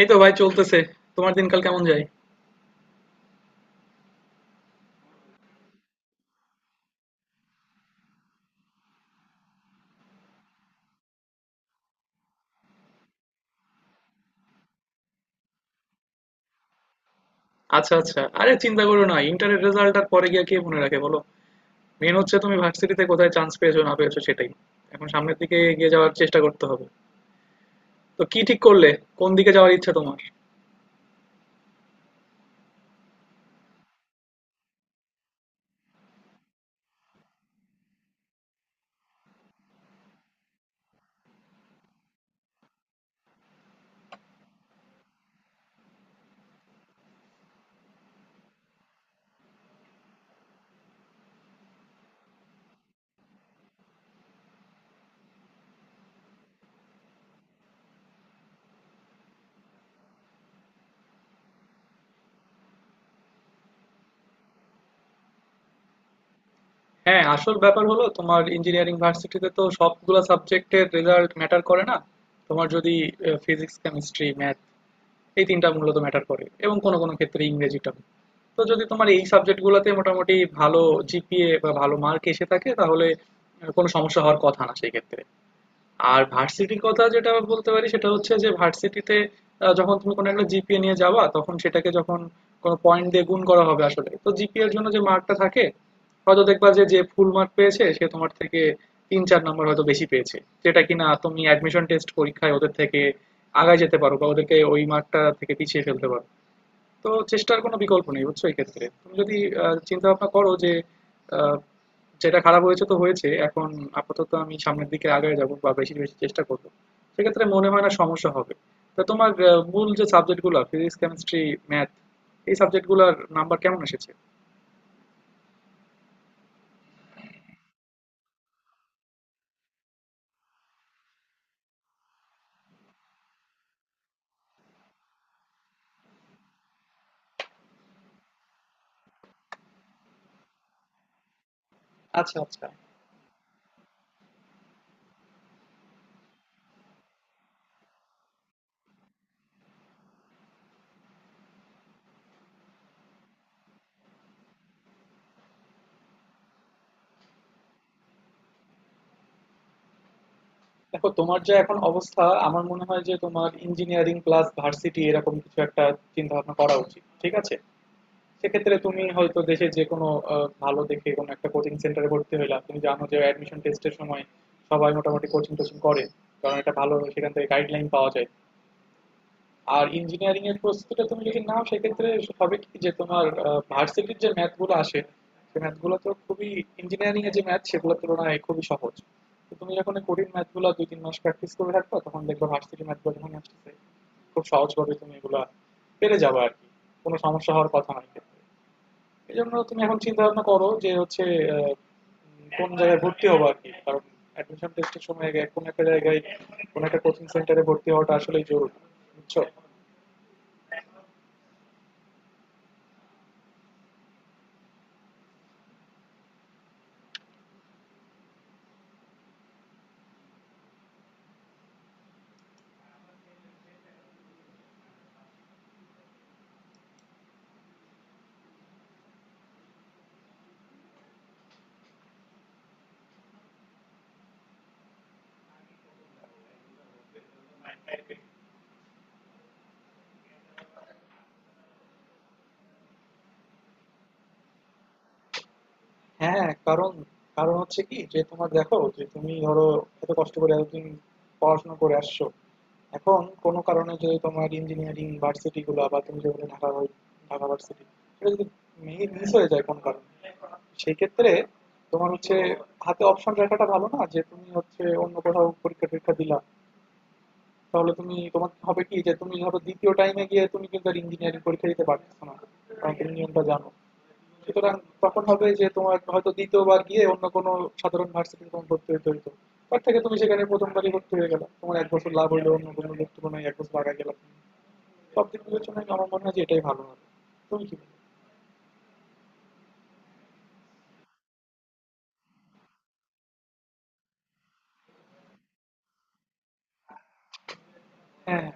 এই তো ভাই চলতেছে। তোমার দিনকাল কেমন যায়? আচ্ছা আচ্ছা, আরে চিন্তা করো না, ইন্টারের রেজাল্ট আর পরে গিয়ে কে মনে রাখে বলো। মেন হচ্ছে তুমি ভার্সিটিতে কোথায় চান্স পেয়েছো না পেয়েছো সেটাই। এখন সামনের দিকে এগিয়ে যাওয়ার চেষ্টা করতে হবে। তো কি ঠিক করলে, কোন দিকে যাওয়ার ইচ্ছা তোমার? হ্যাঁ, আসল ব্যাপার হলো তোমার ইঞ্জিনিয়ারিং ভার্সিটিতে তো সবগুলা সাবজেক্টের রেজাল্ট ম্যাটার করে না। তোমার যদি ফিজিক্স কেমিস্ট্রি ম্যাথ এই তিনটা মূলত ম্যাটার করে, এবং কোনো কোনো ক্ষেত্রে ইংরেজিটাও। তো যদি তোমার এই সাবজেক্টগুলোতে মোটামুটি ভালো জিপিএ বা ভালো মার্ক এসে থাকে তাহলে কোনো সমস্যা হওয়ার কথা না সেই ক্ষেত্রে। আর ভার্সিটির কথা যেটা বলতে পারি সেটা হচ্ছে যে ভার্সিটিতে যখন তুমি কোনো একটা জিপিএ নিয়ে যাবা তখন সেটাকে যখন কোনো পয়েন্ট দিয়ে গুণ করা হবে, আসলে তো জিপিএ এর জন্য যে মার্কটা থাকে, হয়তো দেখবা যে যে ফুল মার্ক পেয়েছে সে তোমার থেকে 3-4 নম্বর হয়তো বেশি পেয়েছে, যেটা কিনা তুমি অ্যাডমিশন টেস্ট পরীক্ষায় ওদের থেকে আগায় যেতে পারো বা ওদেরকে ওই মার্কটা থেকে পিছিয়ে ফেলতে পারো। তো চেষ্টার কোনো বিকল্প নেই, বুঝছো, এই ক্ষেত্রে তুমি যদি চিন্তা ভাবনা করো যে আহ, যেটা খারাপ হয়েছে তো হয়েছে। এখন আপাতত আমি সামনের দিকে আগায় যাবো বা বেশি বেশি চেষ্টা করবো। সেক্ষেত্রে মনে হয় না সমস্যা হবে। তা তোমার মূল যে সাবজেক্ট গুলা, ফিজিক্স, কেমিস্ট্রি, ম্যাথ, এই সাবজেক্ট গুলার নাম্বার কেমন এসেছে? আচ্ছা, আচ্ছা। দেখো, তোমার যা এখন অবস্থা আমার মনে হয় যে তোমার ইঞ্জিনিয়ারিং প্লাস ভার্সিটি এরকম কিছু একটা চিন্তা ভাবনা করা উচিত। ঠিক আছে? সেক্ষেত্রে তুমি হয়তো দেশের যে কোনো আ ভালো দেখে কোনো একটা কোচিং সেন্টারে ভর্তি হইলা। তুমি জানো যে অ্যাডমিশন টেস্টের সময় সবাই মোটামুটি কোচিং-টোচিং করে। কারণ একটা ভালো সেখান থেকে গাইডলাইন পাওয়া যায়। আর ইঞ্জিনিয়ারিং এর প্রস্তুতিটা তুমি যদি নাও সেক্ষেত্রে হবে কি যে তোমার ভার্সিটির যে ম্যাথ গুলো আসে, সেই ম্যাথ গুলো তো খুবই ইঞ্জিনিয়ারিং এর যে ম্যাথ সেগুলোর তুলনায় খুবই সহজ। তো তুমি যখন এই কঠিন ম্যাথ গুলা ২-৩ মাস প্র্যাকটিস করে রাখবা তখন দেখবা ভার্সিটির ম্যাথ গুলো যখন আসতেছে খুব সহজভাবে তুমি এগুলা পেরে যাবা আরকি। কোনো সমস্যা হওয়ার কথা না এক্ষেত্রে। এই জন্য তুমি এখন চিন্তা ভাবনা করো যে হচ্ছে আহ, কোন জায়গায় ভর্তি হবো আর কি, কারণ অ্যাডমিশন টেস্টের সময় আগে কোনো একটা জায়গায় কোনো একটা কোচিং সেন্টারে ভর্তি হওয়াটা আসলেই জরুরি, বুঝছো। হ্যাঁ, কারণ, কারণ হচ্ছে কি যে তোমার দেখো যে তুমি ধরো এত কষ্ট করে এতদিন পড়াশোনা করে আসছো, এখন কোনো কারণে যদি তোমার ইঞ্জিনিয়ারিং ভার্সিটি গুলো বা তুমি যেগুলো ঢাকা ভার্সিটি, সেটা যদি মিস হয়ে যায় কোনো কারণে, সেই ক্ষেত্রে তোমার হচ্ছে হাতে অপশন রাখাটা ভালো না যে তুমি হচ্ছে অন্য কোথাও পরীক্ষা টরীক্ষা দিলা। তাহলে তুমি তোমার হবে কি যে তুমি ধরো দ্বিতীয় টাইমে গিয়ে তুমি কিন্তু আর ইঞ্জিনিয়ারিং পরীক্ষা দিতে পারতেছো না, কারণ তুমি নিয়মটা জানো। সুতরাং তখন হবে যে তোমার হয়তো দ্বিতীয়বার গিয়ে অন্য কোনো সাধারণ ভার্সিটিতে তোমার ভর্তি হতে হইতো। তার থেকে তুমি সেখানে প্রথমবারই ভর্তি হয়ে গেলা, তোমার 1 বছর লাভ হলো, অন্য কোনো লোক তুলনায় 1 বছর লাগা গেল। সব দিক বিবেচনায় আমার মনে হয় যে এটাই ভালো হবে। তুমি কি বলো? হ্যাঁ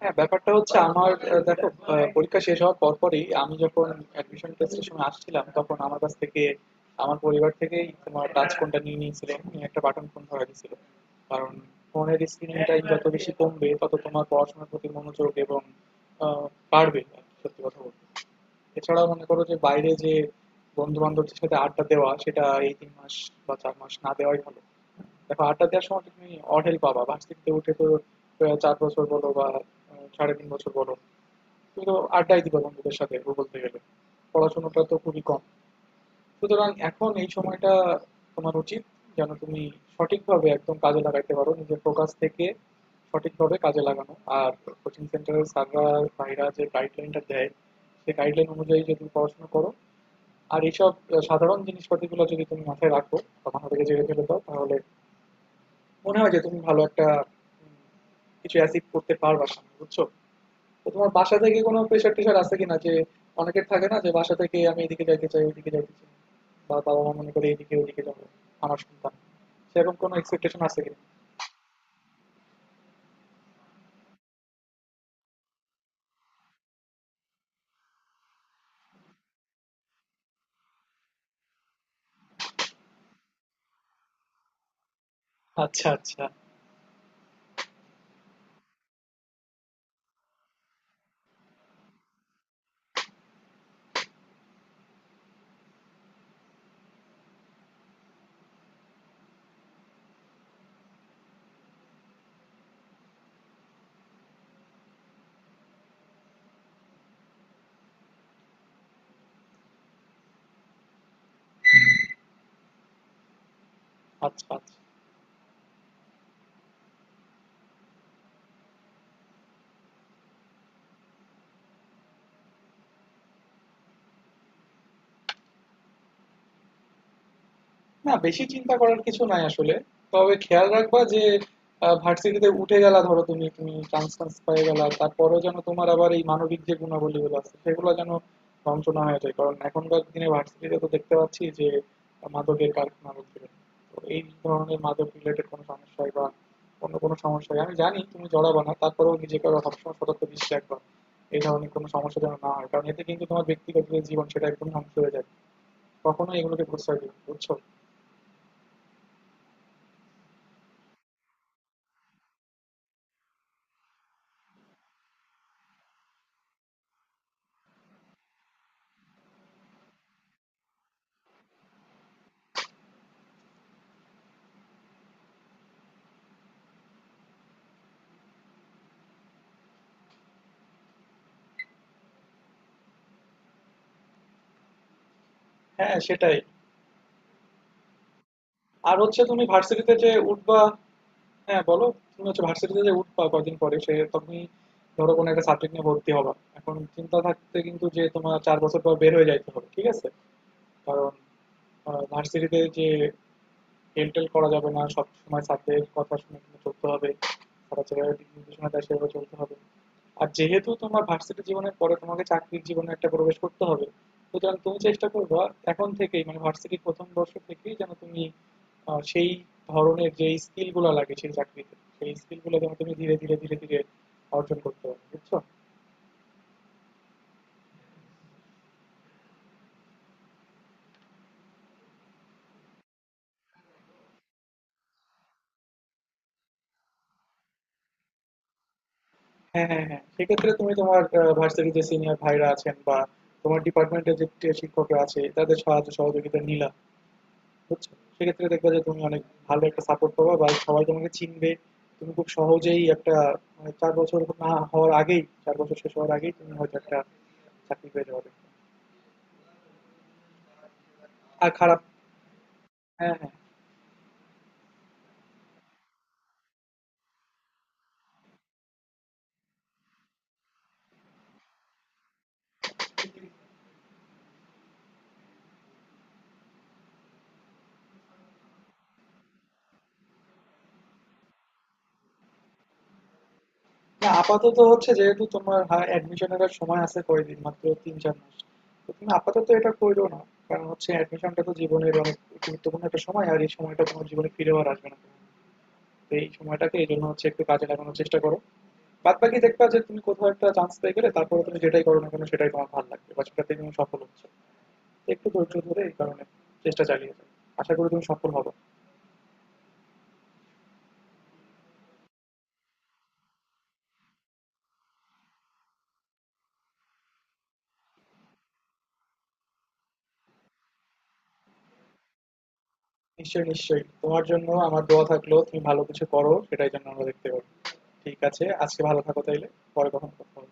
হ্যাঁ, ব্যাপারটা হচ্ছে আমার, দেখো, পরীক্ষা শেষ হওয়ার পরপরই আমি যখন অ্যাডমিশন টেস্টের সময় আসছিলাম তখন আমার কাছ থেকে, আমার পরিবার থেকেই তোমার টাচ ফোনটা নিয়ে নিয়েছিল, নিয়ে একটা বাটন ফোন ধরা দিয়েছিল। কারণ ফোনের স্ক্রিন টাইম যত বেশি কমবে তত তোমার পড়াশোনার প্রতি মনোযোগ এবং আহ, বাড়বে আর কি, সত্যি কথা বলতে। এছাড়াও মনে করো যে বাইরে যে বন্ধু-বান্ধবদের সাথে আড্ডা দেওয়া সেটা এই 3 মাস বা 4 মাস না দেওয়াই ভালো। দেখো, আড্ডা দেওয়ার সময় তুমি অঢেল পাবা। ভার্সিটিতে উঠে তো 4 বছর বলো বা সাড়ে 3 বছর বলো, তুমি তো আড্ডাই দিবা বন্ধুদের সাথে বলতে গেলে। পড়াশোনাটা তো খুবই কম। সুতরাং এখন এই সময়টা তোমার উচিত যেন তুমি সঠিকভাবে একদম কাজে লাগাইতে পারো, নিজের ফোকাস থেকে সঠিকভাবে কাজে লাগানো। আর কোচিং সেন্টারের স্যাররা, ভাইরা যে গাইডলাইনটা দেয় সেই গাইডলাইন অনুযায়ী যদি পড়াশোনা করো আর এইসব সাধারণ জিনিসপাতিগুলো যদি তুমি মাথায় রাখো বা মাথা থেকে জেনে ফেলে দাও, তাহলে মনে হয় যে তুমি ভালো একটা কিছু অ্যাচিভ করতে পারবা সামনে, বুঝছো। তো তোমার বাসা থেকে কোনো প্রেশার টেশার আছে কিনা, যে অনেকের থাকে না, যে বাসা থেকে আমি এদিকে যাইতে চাই ওইদিকে যাইতে চাই, বা বাবা মা মনে করে এদিকে ওইদিকে যাবো আমার সন্তান, সেরকম কোনো এক্সপেকটেশন আছে কিনা? আচ্ছা আচ্ছা। আচ্ছা আচ্ছা, না, বেশি চিন্তা করার কিছু নাই আসলে। তবে খেয়াল রাখবা যে ভার্সিটিতে উঠে গেলা, ধরো তুমি তুমি চান্স টান্স পেয়ে গেলা, তারপরেও যেন তোমার আবার এই মানবিক যে গুণাবলীগুলো আছে সেগুলো যেন ধ্বংস না হয়ে যায়। কারণ এখনকার দিনে ভার্সিটিতে তো দেখতে পাচ্ছি যে মাদকের কারখানা হচ্ছে। তো এই ধরনের মাদক রিলেটেড কোনো সমস্যায় বা অন্য কোনো সমস্যায় আমি জানি তুমি জড়াবা না, তারপরেও নিজেকে আরো সবসময় সতর্ক দৃষ্টি রাখবা এই ধরনের কোনো সমস্যা যেন না হয়। কারণ এতে কিন্তু তোমার ব্যক্তিগত যে জীবন সেটা একদম ধ্বংস হয়ে যায়। কখনোই এগুলোকে প্রশ্রয় দিবে না, বুঝছো। হ্যাঁ, সেটাই। আর হচ্ছে তুমি ভার্সিটিতে যে উঠবা, হ্যাঁ, বলো? তুমি হচ্ছে ভার্সিটিতে যে উঠবা কয়দিন পরে, সে তুমি ধরো কোনো একটা সাবজেক্ট নিয়ে ভর্তি হবা। এখন চিন্তা থাকতে কিন্তু যে তোমার ৪ বছর পর বের হয়ে যাইতে হবে। ঠিক আছে? কারণ ভার্সিটিতে যে হেলটেল করা যাবে না, সবসময় স্যারদের কথা শুনে কিন্তু চলতে হবে, স্যাররা যেভাবে দিক নির্দেশনা দেয় সেভাবে চলতে হবে। আর যেহেতু তোমার ভার্সিটি জীবনের পরে তোমাকে চাকরির জীবনে একটা প্রবেশ করতে হবে, সুতরাং তুমি চেষ্টা করবা এখন থেকেই, মানে ভার্সিটির প্রথম বর্ষ থেকেই যেন তুমি সেই ধরনের যে স্কিলগুলো লাগে সেই চাকরিতে, সেই স্কিলগুলো যেন তুমি ধীরে ধীরে ধীরে ধীরে অর্জন করতে পারো, বুঝছো। হ্যাঁ হ্যাঁ হ্যাঁ, সেক্ষেত্রে তুমি তোমার ভার্সিটির যে সিনিয়র ভাইরা আছেন বা তোমার ডিপার্টমেন্টের যে শিক্ষকরা আছে তাদের সাহায্য সহযোগিতা নিলা, বুঝছো, সেক্ষেত্রে দেখবা যে তুমি অনেক ভালো একটা সাপোর্ট পাবা বা সবাই তোমাকে চিনবে, তুমি খুব সহজেই একটা মানে 4 বছর না হওয়ার আগেই, 4 বছর শেষ হওয়ার আগেই তুমি হয়তো একটা চাকরি পেয়ে যাবে। আর খারাপ, হ্যাঁ হ্যাঁ, না, আপাতত হচ্ছে যেহেতু তোমার অ্যাডমিশনের সময় আছে কয়দিন, মাত্র 3-4 মাস, তো তুমি আপাতত এটা করো না। কারণ হচ্ছে অ্যাডমিশনটা তো জীবনের অনেক গুরুত্বপূর্ণ একটা সময় আর এই সময়টা তোমার জীবনে ফিরে আর আসবে না। তো এই সময়টাকে এই জন্য হচ্ছে একটু কাজে লাগানোর চেষ্টা করো। বাদবাকি দেখবা যে তুমি কোথাও একটা চান্স পেয়ে গেলে তারপরে তুমি যেটাই করো না কেন সেটাই তোমার ভালো লাগবে বা সেটাতে তুমি সফল হচ্ছে। একটু ধৈর্য ধরে এই কারণে চেষ্টা চালিয়ে যাও, আশা করি তুমি সফল হবে। নিশ্চয়ই নিশ্চয়ই, তোমার জন্য আমার দোয়া থাকলো, তুমি ভালো কিছু করো সেটাই জন্য আমরা দেখতে পাবো। ঠিক আছে, আজকে ভালো থাকো তাইলে, পরে কখন কথা হবে।